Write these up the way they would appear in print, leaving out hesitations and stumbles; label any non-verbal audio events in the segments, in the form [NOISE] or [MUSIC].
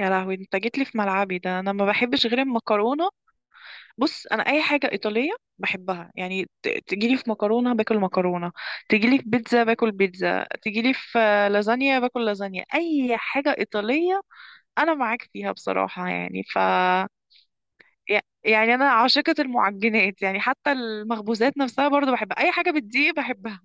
يا لهوي انت جيت لي في ملعبي ده. انا ما بحبش غير المكرونه. بص انا اي حاجه ايطاليه بحبها يعني. تجي لي في مكرونه باكل مكرونه، تجي لي في بيتزا باكل بيتزا، تجي لي في لازانيا باكل لازانيا. اي حاجه ايطاليه انا معاك فيها بصراحه يعني. ف يعني انا عاشقه المعجنات، يعني حتى المخبوزات نفسها برضو بحبها. اي حاجه بتضيق بحبها.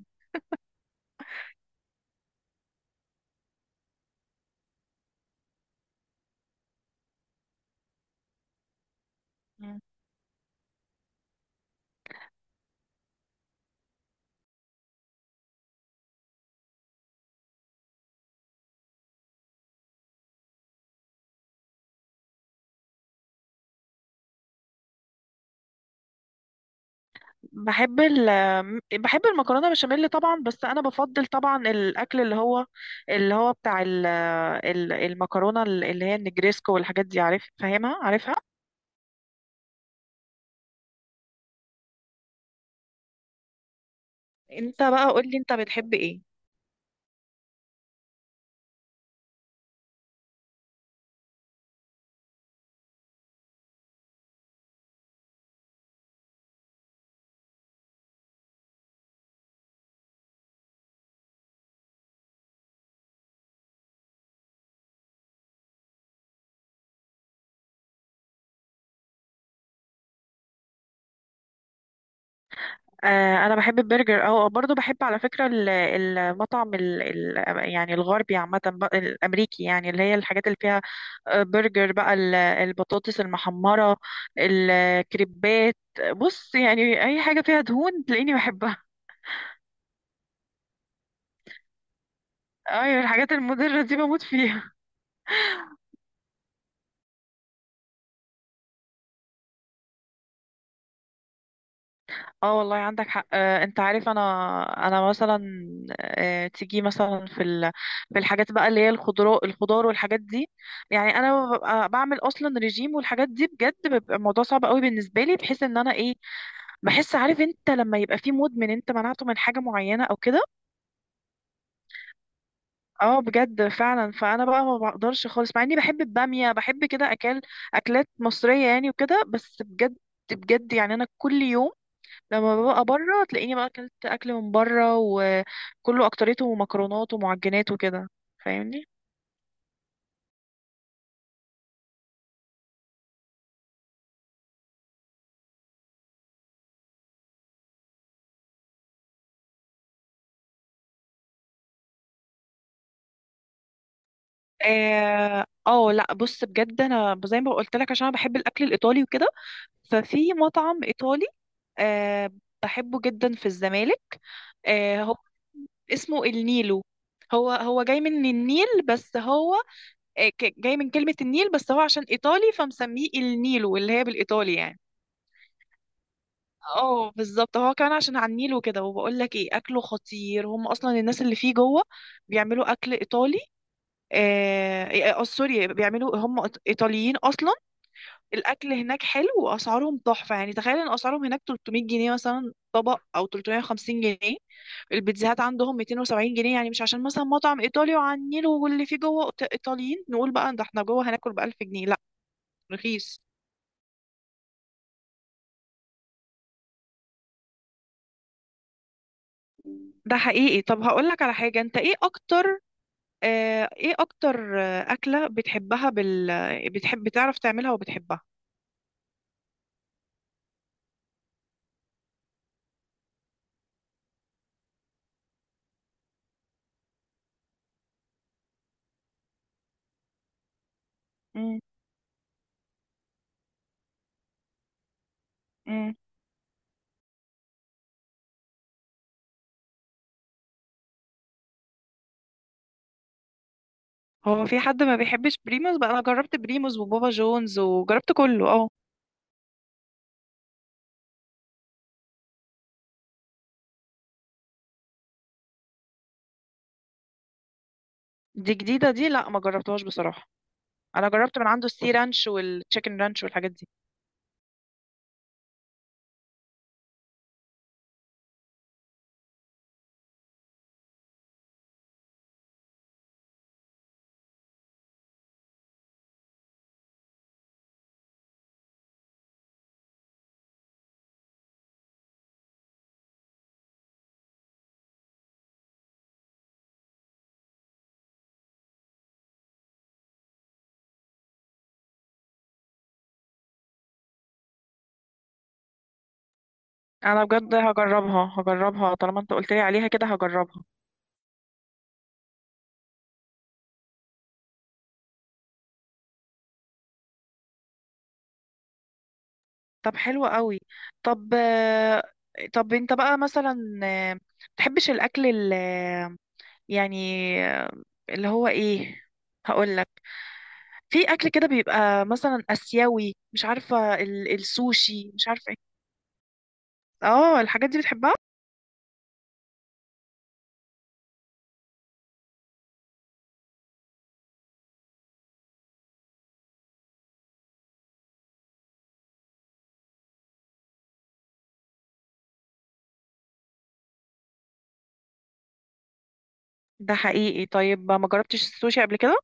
بحب ال بحب المكرونه بشاميل طبعا، بس انا بفضل طبعا الاكل اللي هو بتاع المكرونه اللي هي النجريسكو والحاجات دي، عارف، فاهمها، عارفها. انت بقى قولي انت بتحب ايه؟ انا بحب البرجر، او برضو بحب على فكره ال- المطعم ال ال يعني الغربي عامه بقى، الامريكي يعني، اللي هي الحاجات اللي فيها برجر بقى، البطاطس المحمره، الكريبات. بص يعني اي حاجه فيها دهون تلاقيني بحبها. ايوه الحاجات المضرة دي بموت فيها. اه والله عندك حق. انت عارف انا، انا مثلا، تيجي مثلا في الحاجات بقى اللي هي الخضراء، الخضار والحاجات دي، يعني انا ببقى بعمل اصلا رجيم والحاجات دي بجد بيبقى الموضوع صعب قوي بالنسبة لي، بحيث ان انا ايه، بحس عارف انت لما يبقى في مدمن انت منعته من حاجة معينة او كده. اه بجد فعلا، فانا بقى ما بقدرش خالص مع اني بحب البامية، بحب كده اكلات مصرية يعني وكده، بس بجد بجد يعني انا كل يوم لما ببقى بره تلاقيني بقى اكلت اكل من بره وكله اكتريته مكرونات ومعجنات وكده، فاهمني. اه لا بص بجد انا زي ما قلت لك عشان انا بحب الاكل الايطالي وكده، ففي مطعم ايطالي آه بحبه جدا في الزمالك. آه هو اسمه النيلو، هو هو جاي من النيل، بس هو آه جاي من كلمة النيل، بس هو عشان ايطالي فمسميه النيلو اللي هي بالايطالي يعني. اه بالظبط، هو كمان عشان على النيل وكده، وبقول لك ايه، اكله خطير. هم اصلا الناس اللي فيه جوه بيعملوا اكل ايطالي، سوري، بيعملوا هم ايطاليين اصلا. الاكل هناك حلو واسعارهم تحفه. يعني تخيل ان اسعارهم هناك 300 جنيه مثلا طبق، او 350 جنيه، البيتزاهات عندهم 270 جنيه. يعني مش عشان مثلا مطعم ايطالي وعلى النيل واللي فيه جوه ايطاليين نقول بقى ده احنا جوه هناكل ب 1000 جنيه، لا، رخيص. ده حقيقي. طب هقول لك على حاجه، انت ايه اكتر ايه اكتر اكلة بتحبها بتحب بتعرف تعملها وبتحبها؟ مم. مم. هو في حد ما بيحبش بريموز بقى؟ انا جربت بريموز وبابا جونز وجربت كله. اه دي جديدة؟ دي لا ما جربتهاش بصراحة. انا جربت من عنده السي رانش والتشيكن رانش والحاجات دي. انا بجد هجربها، هجربها طالما انت قلت لي عليها كده هجربها. طب حلو قوي. طب طب انت بقى مثلا، تحبش الاكل يعني اللي هو ايه، هقول لك، في اكل كده بيبقى مثلا اسيوي، مش عارفه السوشي، مش عارفه ايه، اه الحاجات دي بتحبها؟ ده حقيقي. طيب ما جربتش السوشي قبل كده؟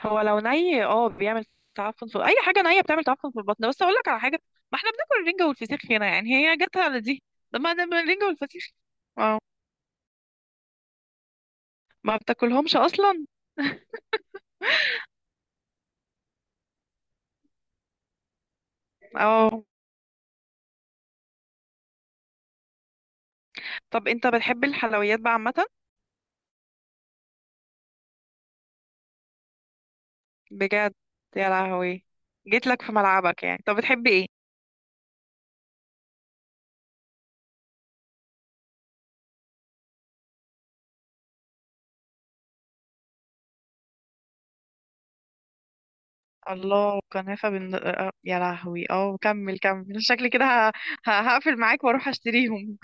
هو لو ني اه بيعمل تعفن في اي حاجه نيه بتعمل تعفن في البطن، بس اقول لك على حاجه، ما احنا بناكل الرنجه والفسيخ هنا يعني، هي جاتها على دي؟ طب ما ده ما الرنجه والفسيخ. اه ما بتاكلهمش اصلا. اه طب انت بتحب الحلويات بقى عامه؟ بجد؟ يا لهوي، جيت لك في ملعبك يعني. طب بتحبي ايه؟ الله، كنافة بن... آه، يا لهوي. اه كمل كمل، شكلي كده ه... هقفل معاك واروح اشتريهم.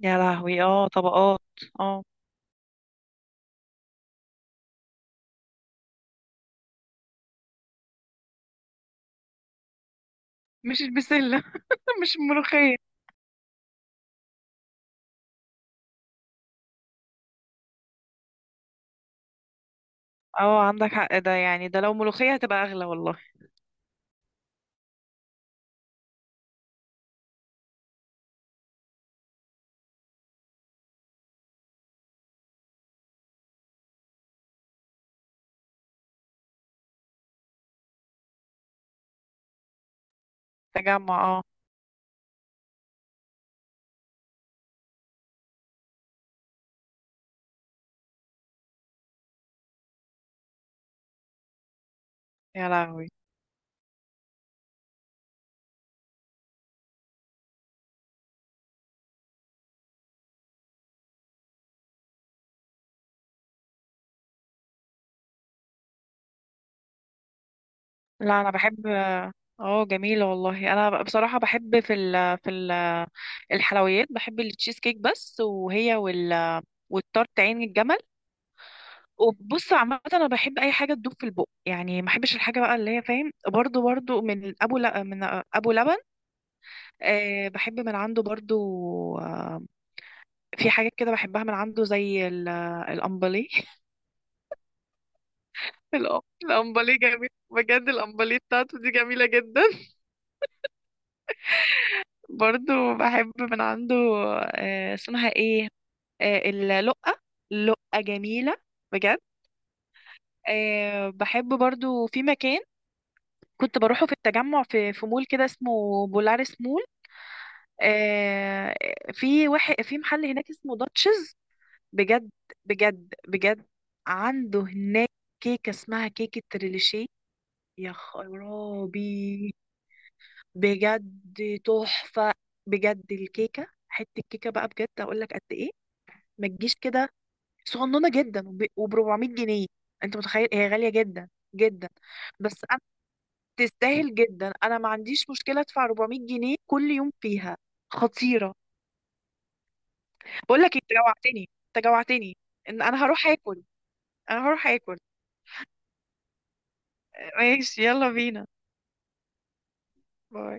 يا لهوي، اه طبقات. اه مش البسلة. [LAUGHS] مش الملوخية. اه عندك حق، ده يعني ده لو ملوخية هتبقى اغلى والله. تجمع اه. يا لهوي. لا انا بحب، اه جميلة والله. انا بصراحة بحب في ال في ال الحلويات بحب التشيز كيك بس، وهي والتارت عين الجمل. وبص عامة أنا بحب أي حاجة تدوب في البق يعني، ما بحبش الحاجة بقى اللي هي فاهم، برضو برضو من من أبو لبن. أه بحب من عنده برضو. آه، في حاجات كده بحبها من عنده زي الأمبلي. [LAUGHS] الأمبلي جميل بجد، الأمبلي بتاعته دي جميلة جدا. [LAUGHS] برضو بحب من عنده أه اسمها إيه، أه اللقة، اللقة جميلة بجد. أه بحب برضو في مكان كنت بروحه في التجمع، في مول كده اسمه بولارس مول، آه، في واحد في محل هناك اسمه داتشز. بجد بجد بجد، عنده هناك كيكة اسمها كيكة ريليشيه. يا خرابي، بجد تحفة. بجد الكيكة حتة كيكة بقى، بجد اقول لك قد ايه، ما تجيش كده، صغننة جدا، وب 400 جنيه. انت متخيل؟ هي غالية جدا جدا، بس انا تستاهل جدا، انا ما عنديش مشكلة ادفع 400 جنيه كل يوم فيها، خطيرة. بقول لك إيه، انت جوعتني، انت جوعتني ان انا هروح اكل، انا هروح اكل. ماشي يلا بينا. باي.